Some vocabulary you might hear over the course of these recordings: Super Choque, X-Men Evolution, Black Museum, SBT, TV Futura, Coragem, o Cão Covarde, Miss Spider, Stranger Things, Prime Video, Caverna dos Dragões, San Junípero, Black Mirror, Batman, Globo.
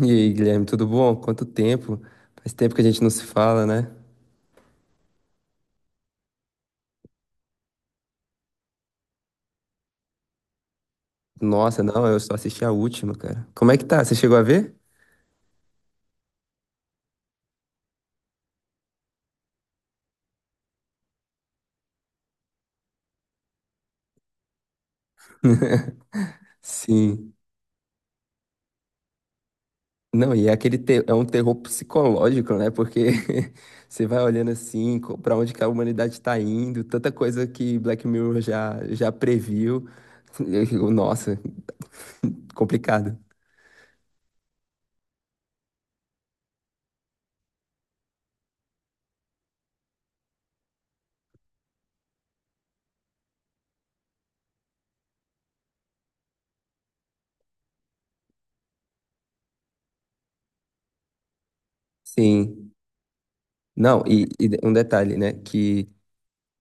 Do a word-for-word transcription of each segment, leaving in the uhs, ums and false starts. E aí, Guilherme, tudo bom? Quanto tempo? Faz tempo que a gente não se fala, né? Nossa, não, eu só assisti a última, cara. Como é que tá? Você chegou a ver? Sim. Não, e é aquele te- é um terror psicológico, né? Porque você vai olhando assim, co- pra onde que a humanidade tá indo, tanta coisa que Black Mirror já já previu. Nossa, complicado. Sim. Não, e, e um detalhe, né? Que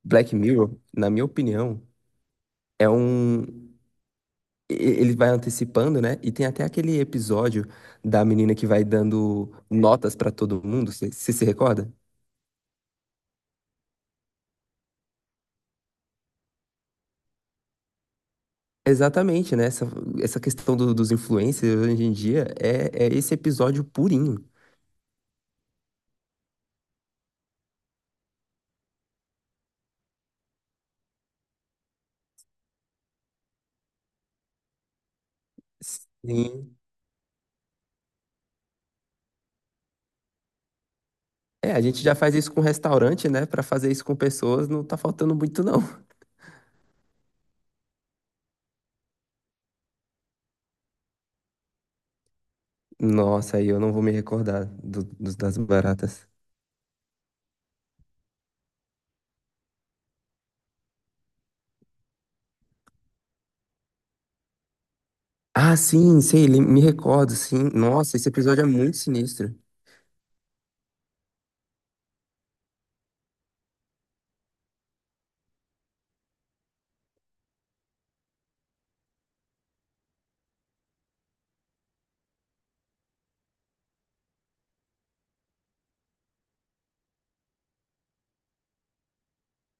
Black Mirror, na minha opinião, é um e- Ele vai antecipando, né? E tem até aquele episódio da menina que vai dando notas pra todo mundo, você se recorda? Exatamente, né? Essa, essa questão do- dos influencers hoje em dia é, é esse episódio purinho. Sim. É, a gente já faz isso com restaurante, né? Pra fazer isso com pessoas não tá faltando muito, não. Nossa, aí eu não vou me recordar do- dos- das baratas. Ah, sim, sei, lem- me recordo, sim. Nossa, esse episódio é muito sinistro.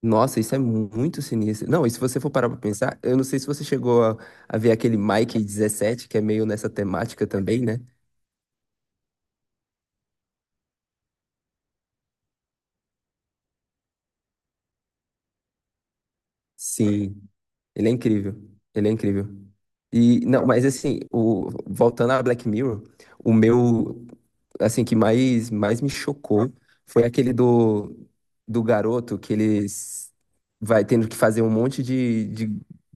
Nossa, isso é muito sinistro. Não, e se você for parar pra pensar, eu não sei se você chegou a, a ver aquele Mike dezessete, que é meio nessa temática também, né? Sim, ele é incrível. Ele é incrível. E, não, mas assim, o, voltando a Black Mirror, o meu, assim, que mais, mais me chocou foi aquele do, do garoto que eles vai tendo que fazer um monte de, de,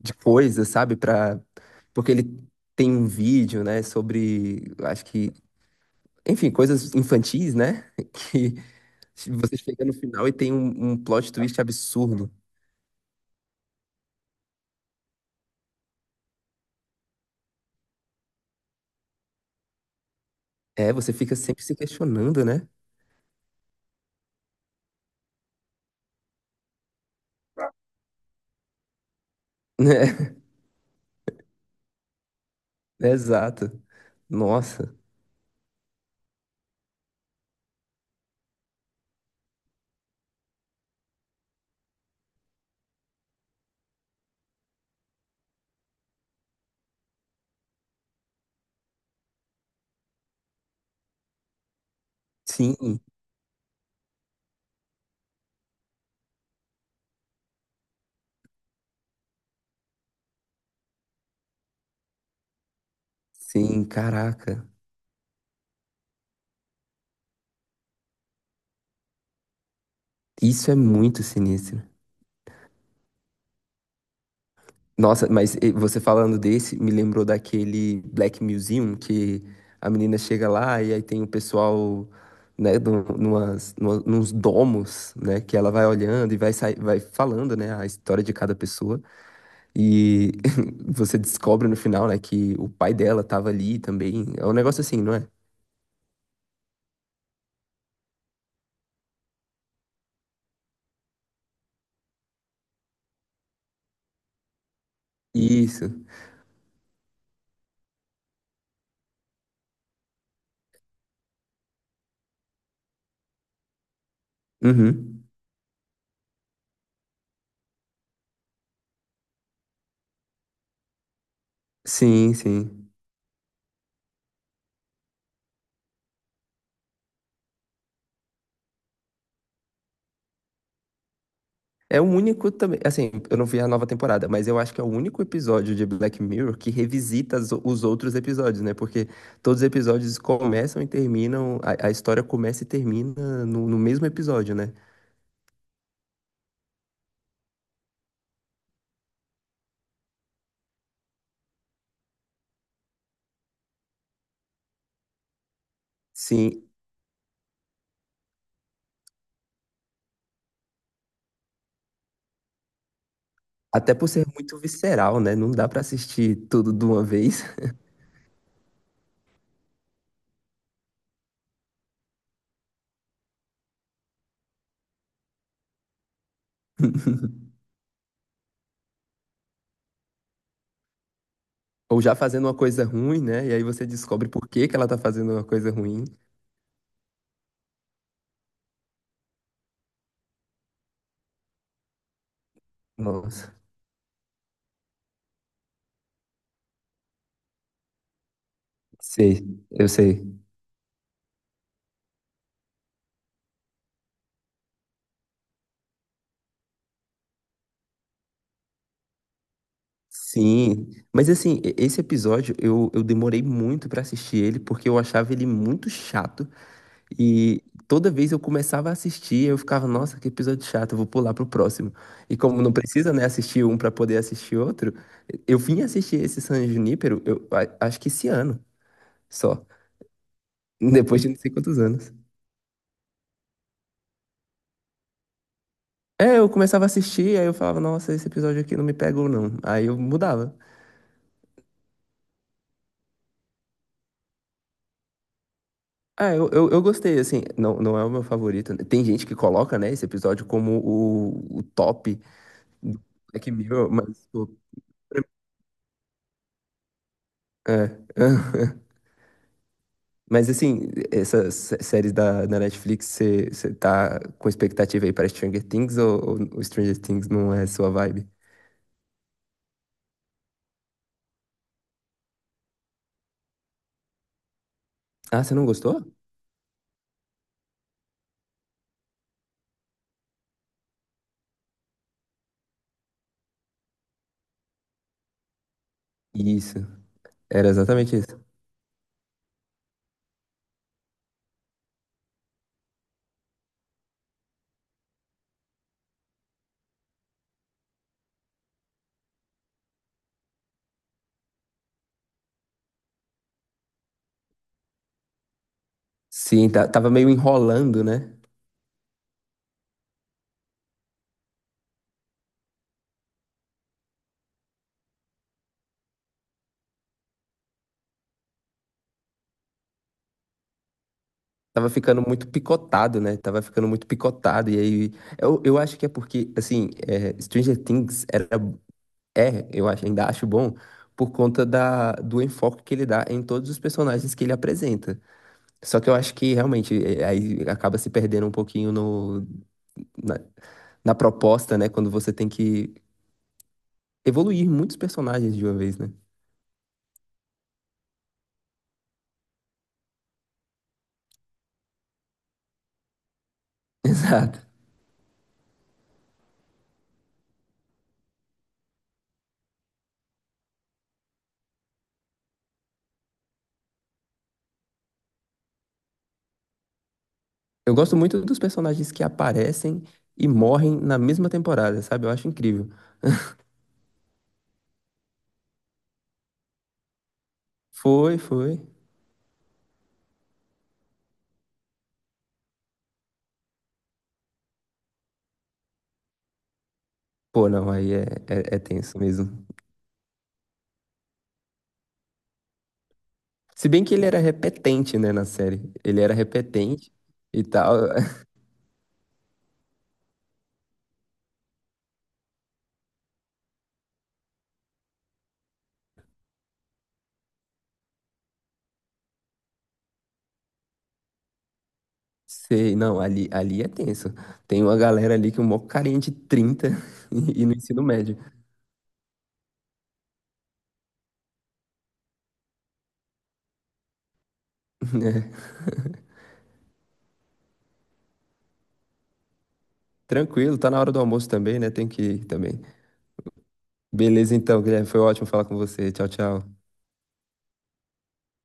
de coisa, sabe? Pra, porque ele tem um vídeo, né, sobre, acho que enfim, coisas infantis, né? Que você chega no final e tem um, um plot twist absurdo. É, você fica sempre se questionando, né? É, exato. Nossa. Sim, sim, caraca. Isso é muito sinistro. Nossa, mas eh, você falando desse, me lembrou daquele Black Museum, que a menina chega lá e aí tem o pessoal, né, num- numas, numa- nos domos, né, que ela vai olhando e vai, sai- vai falando, né, a história de cada pessoa. E você descobre no final, né, que o pai dela tava ali também. É um negócio assim, não é? Isso. Uhum. Sim, sim. É o único também. Assim, eu não vi a nova temporada, mas eu acho que é o único episódio de Black Mirror que revisita as- os outros episódios, né? Porque todos os episódios começam e terminam. A, a história começa e termina no, no mesmo episódio, né? Sim. Até por ser muito visceral, né? Não dá pra assistir tudo de uma vez. Ou já fazendo uma coisa ruim, né? E aí você descobre por que que ela tá fazendo uma coisa ruim. Nossa, sei, eu sei. Sim, mas assim, e- esse episódio eu, eu demorei muito pra assistir ele porque eu achava ele muito chato e toda vez eu começava a assistir, eu ficava, nossa, que episódio chato, eu vou pular pro próximo. E como não precisa, né, assistir um pra poder assistir outro, eu vim assistir esse San Junípero, eu a- acho que esse ano só, depois de não sei quantos anos. É, eu começava a assistir, aí eu falava, nossa, esse episódio aqui não me pegou, não. Aí eu mudava. Ah, eu, eu, eu gostei, assim, não, não é o meu favorito. Tem gente que coloca, né, esse episódio como o, o top do Black Mirror, mas, pô, é. Mas, assim, essas sé- séries da, da Netflix, você você tá com expectativa aí para Stranger Things, ou, ou Stranger Things não é sua vibe? Ah, você não gostou? Isso, era exatamente isso. Sim, tá- tava meio enrolando, né? Tava ficando muito picotado, né? Tava ficando muito picotado. E aí, eu, eu acho que é porque, assim, é, Stranger Things era, é, eu acho, ainda acho bom, por conta da, do enfoque que ele dá em todos os personagens que ele apresenta. Só que eu acho que realmente, é, aí acaba se perdendo um pouquinho no, na, na proposta, né? Quando você tem que evoluir muitos personagens de uma vez, né? Exato. Eu gosto muito dos personagens que aparecem e morrem na mesma temporada, sabe? Eu acho incrível. Foi, foi. Pô, não, aí é, é, é tenso mesmo. Se bem que ele era repetente, né, na série. Ele era repetente e tal. Sei, não, ali, ali é tenso. Tem uma galera ali que é um mó carinha de trinta e, e no ensino médio. né? Tranquilo, tá na hora do almoço também, né? Tem que ir também. Beleza, então, Guilherme, foi ótimo falar com você. Tchau, tchau.